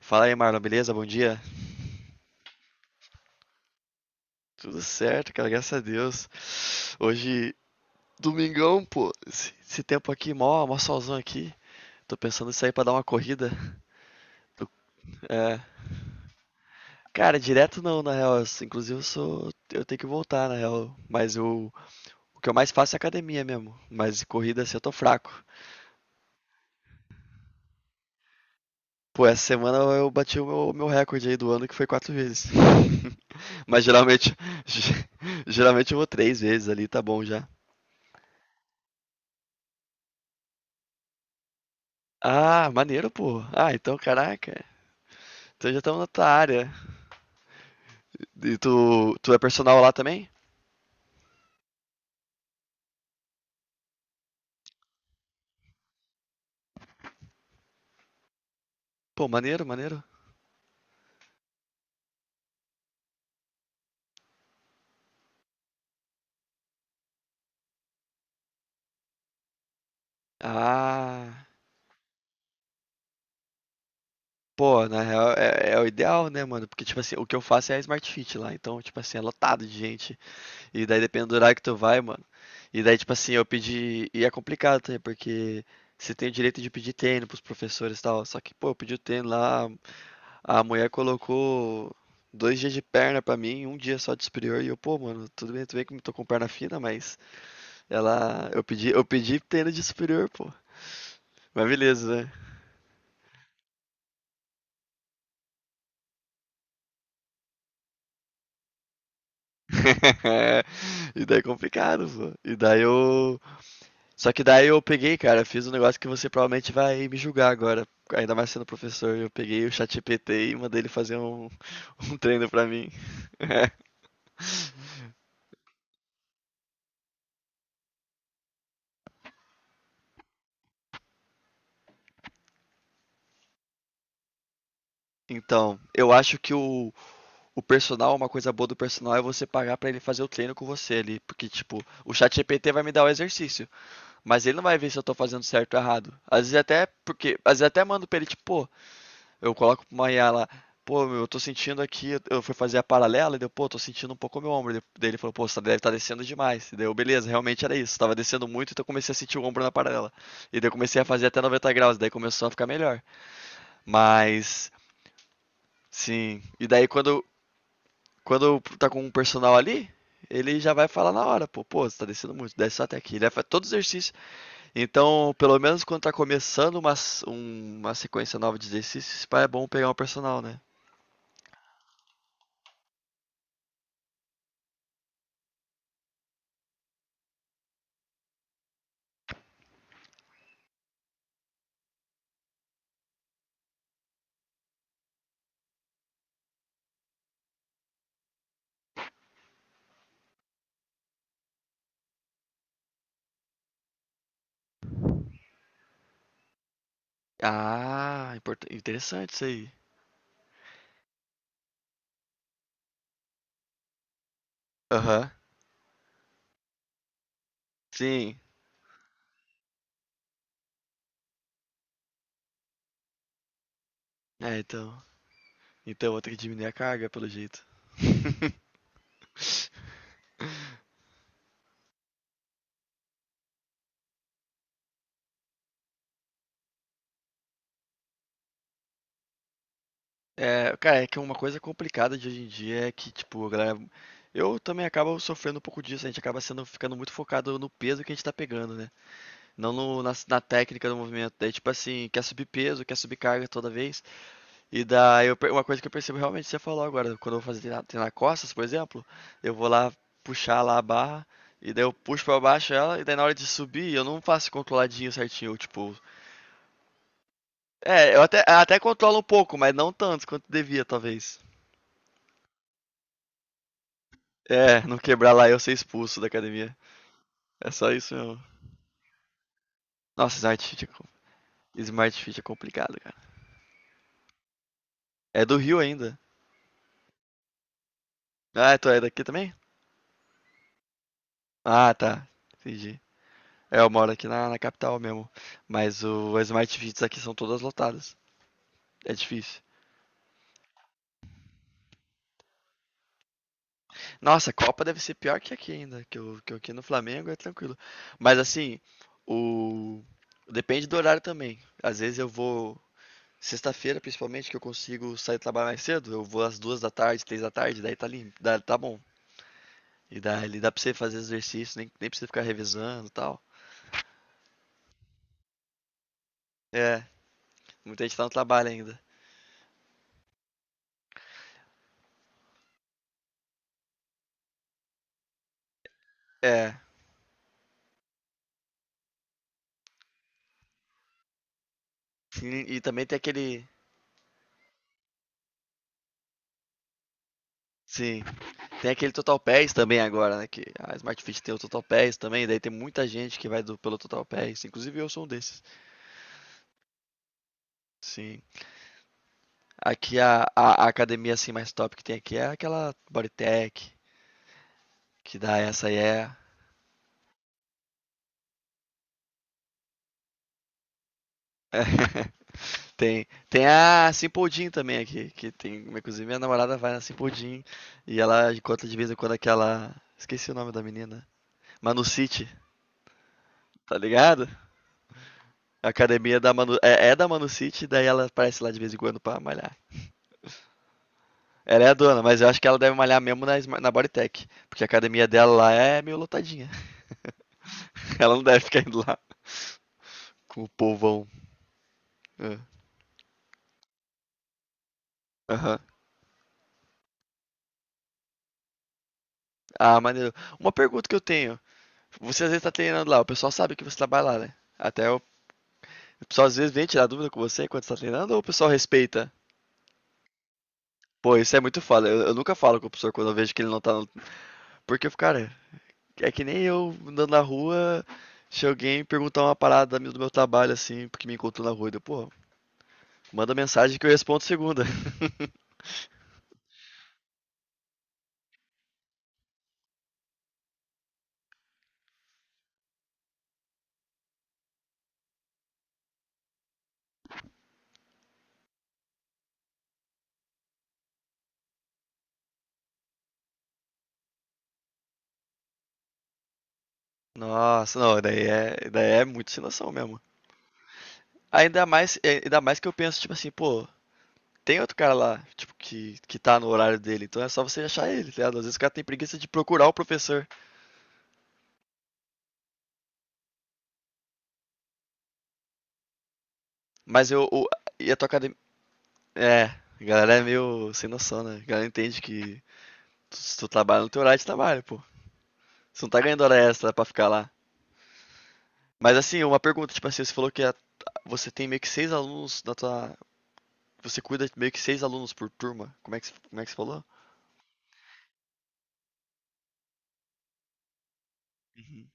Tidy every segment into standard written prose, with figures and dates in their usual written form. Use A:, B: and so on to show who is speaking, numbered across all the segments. A: Fala aí, Marlon, beleza? Bom dia? Tudo certo, cara, graças a Deus. Hoje, domingão, pô. Esse tempo aqui, mó solzão aqui. Tô pensando em sair pra dar uma corrida. Tô- é, cara, direto não, na real. Eu Inclusive, eu sou, eu tenho que voltar, na real. Mas eu, o que eu mais faço é academia mesmo. Mas de corrida, assim, eu tô fraco. Pô, essa semana eu bati o meu recorde aí do ano, que foi quatro vezes. Mas geralmente, geralmente eu vou três vezes ali, tá bom já. Ah, maneiro, pô. Ah, então, caraca. Então já estamos na tua área. E tu é personal lá também? Pô, maneiro, maneiro. Ah, pô, na real é o ideal, né, mano? Porque, tipo assim, o que eu faço é a Smart Fit lá. Então, tipo assim, é lotado de gente. E daí depende do horário que tu vai, mano. E daí, tipo assim, eu pedi. E é complicado, tá? Porque você tem o direito de pedir treino pros professores e tal. Só que, pô, eu pedi o treino lá. A mulher colocou dois dias de perna pra mim, um dia só de superior, e eu, pô, mano, tudo bem que eu tô com perna fina, mas ela. Eu pedi treino de superior, pô. Mas beleza, né? E daí é complicado, pô. E daí eu. Só que daí eu peguei, cara, fiz um negócio que você provavelmente vai me julgar agora. Ainda mais sendo professor, eu peguei o ChatGPT e mandei ele fazer um, um treino pra mim. Então, eu acho que o personal, uma coisa boa do personal é você pagar pra ele fazer o treino com você ali, porque tipo, o ChatGPT vai me dar o exercício, mas ele não vai ver se eu tô fazendo certo ou errado. Às vezes até porque, às vezes até mando pra ele tipo, pô, eu coloco pra uma IA lá, pô, meu, eu tô sentindo aqui, eu fui fazer a paralela e deu, pô, tô sentindo um pouco o meu ombro. Daí ele falou, pô, você deve estar descendo demais. E daí eu, beleza, realmente era isso, tava descendo muito, então eu comecei a sentir o ombro na paralela. E daí eu comecei a fazer até 90 graus, daí começou a ficar melhor. Mas, sim. E daí quando quando tá com um personal ali, ele já vai falar na hora, pô, pô, você tá descendo muito, desce só até aqui. Ele faz todo o exercício. Então, pelo menos quando tá começando uma, uma sequência nova de exercícios, pá, é bom pegar um personal, né? Ah, interessante isso aí. Aham. Sim. É, então. Então eu vou ter que diminuir a carga, pelo jeito. É, cara, é que uma coisa complicada de hoje em dia é que, tipo, a galera. Eu também acabo sofrendo um pouco disso, a gente acaba sendo, ficando muito focado no peso que a gente tá pegando, né? Não na técnica do movimento. Daí, tipo assim, quer subir peso, quer subir carga toda vez. E daí, uma coisa que eu percebo realmente, você falou agora, quando eu vou fazer treinar costas, por exemplo, eu vou lá puxar lá a barra, e daí eu puxo pra baixo ela, e daí na hora de subir, eu não faço controladinho certinho, tipo. É, eu até controlo um pouco, mas não tanto quanto devia, talvez. É, não quebrar lá e eu ser expulso da academia. É só isso mesmo. Nossa, Smart Fit é, Smart Fit é complicado, cara. É do Rio ainda. Ah, é, tu é daqui também? Ah, tá. Entendi. É, eu moro aqui na capital mesmo. Mas o, as Smart Fits aqui são todas lotadas. É difícil. Nossa, a Copa deve ser pior que aqui ainda. Que, o, que eu aqui no Flamengo é tranquilo. Mas assim, o. Depende do horário também. Às vezes eu vou sexta-feira, principalmente, que eu consigo sair trabalhar mais cedo, eu vou às duas da tarde, três da tarde, daí tá limpo, dá, tá bom. E daí ele dá pra você fazer exercício, nem precisa ficar revisando e tal. É, muita gente tá no trabalho ainda. É, e também tem aquele. Sim, tem aquele Total Pass também agora, né? Que a Smart Fit tem o Total Pass também, daí tem muita gente que vai do, pelo Total Pass, inclusive eu sou um desses. Sim. Aqui a academia assim mais top que tem aqui é aquela Bodytech, que dá essa aí é. Tem a Simple Jean também aqui, que tem, inclusive minha namorada vai na Simple Jean e ela conta de vez em quando aquela, esqueci o nome da menina, Manu City, tá ligado? A academia da Manu, é da Manu City, daí ela aparece lá de vez em quando pra malhar. Ela é a dona, mas eu acho que ela deve malhar mesmo na, na Bodytech, porque a academia dela lá é meio lotadinha. Ela não deve ficar indo lá com o povão. É. Aham. Ah, maneiro. Uma pergunta que eu tenho. Você às vezes tá treinando lá, o pessoal sabe que você trabalha lá, né? Até eu. O pessoal às vezes vem tirar dúvida com você enquanto você tá treinando ou o pessoal respeita? Pô, isso é muito foda. Eu nunca falo com o professor quando eu vejo que ele não tá. No... Porque, eu fico, cara, é que nem eu andando na rua, se alguém perguntar uma parada do meu trabalho, assim, porque me encontrou na rua, eu, pô, manda mensagem que eu respondo segunda. Nossa, não, daí daí é muito sem noção mesmo. Ainda mais, é, ainda mais que eu penso, tipo assim, pô, tem outro cara lá, tipo, que tá no horário dele, então é só você achar ele, tá ligado? Às vezes o cara tem preguiça de procurar o professor. Mas eu, o, e a tua. É, a galera é meio sem noção, né? A galera entende que se tu trabalha no teu horário de trabalho, pô. Você não tá ganhando hora extra pra ficar lá. Mas assim, uma pergunta, tipo assim, você falou que você tem meio que seis alunos na tua. Você cuida de meio que seis alunos por turma. Como é que, como é que você falou? Uhum.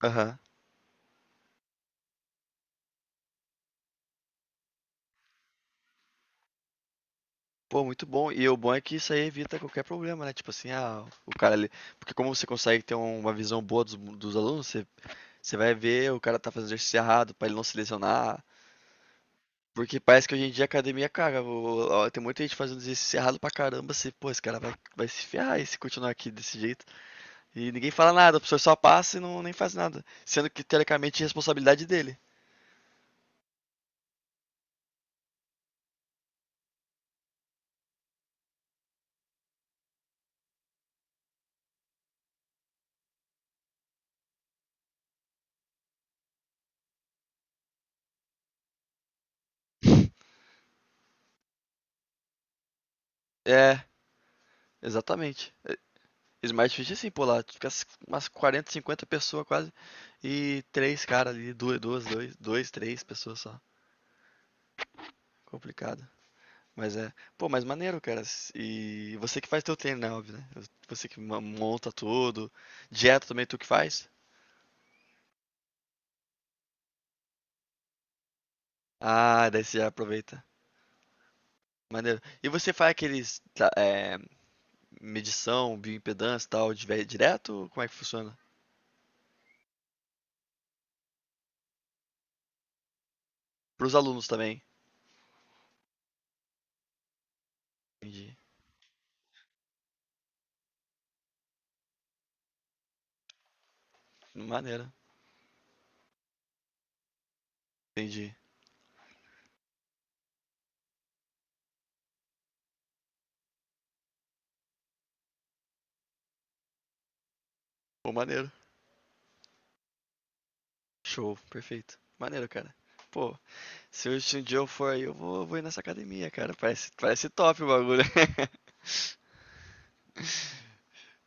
A: Aham. Pô, muito bom. E o bom é que isso aí evita qualquer problema, né? Tipo assim, ah, o cara ali. Porque como você consegue ter um, uma visão boa dos alunos, você, você vai ver o cara tá fazendo exercício errado pra ele não se lesionar. Porque parece que hoje em dia a academia, cara, ó, tem muita gente fazendo exercício errado pra caramba, assim, pô, esse cara vai, vai se ferrar e se continuar aqui desse jeito. E ninguém fala nada, o professor só passa e não, nem faz nada. Sendo que, teoricamente, é responsabilidade dele. É, exatamente. É, Smart Fit é assim, pô, lá fica umas 40, 50 pessoas quase, e três caras ali, duas, duas, dois, dois, três pessoas só. Complicado. Mas é. Pô, mas maneiro, cara. E você que faz teu treino, né? Óbvio, né? Você que monta tudo. Dieta também tu que faz? Ah, daí você já aproveita. Maneiro. E você faz aqueles. Tá, é, medição, bioimpedância e tal, direto? Como é que funciona? Pros alunos também. Entendi. Maneiro. Entendi. Pô, maneiro. Show. Perfeito. Maneiro, cara. Pô, se hoje um dia eu for aí, eu vou, vou ir nessa academia, cara. Parece, parece top o bagulho.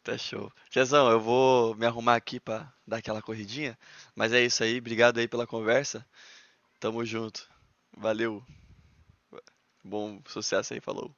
A: Tá show. Tiazão, eu vou me arrumar aqui pra dar aquela corridinha, mas é isso aí. Obrigado aí pela conversa. Tamo junto. Valeu. Bom sucesso aí, falou.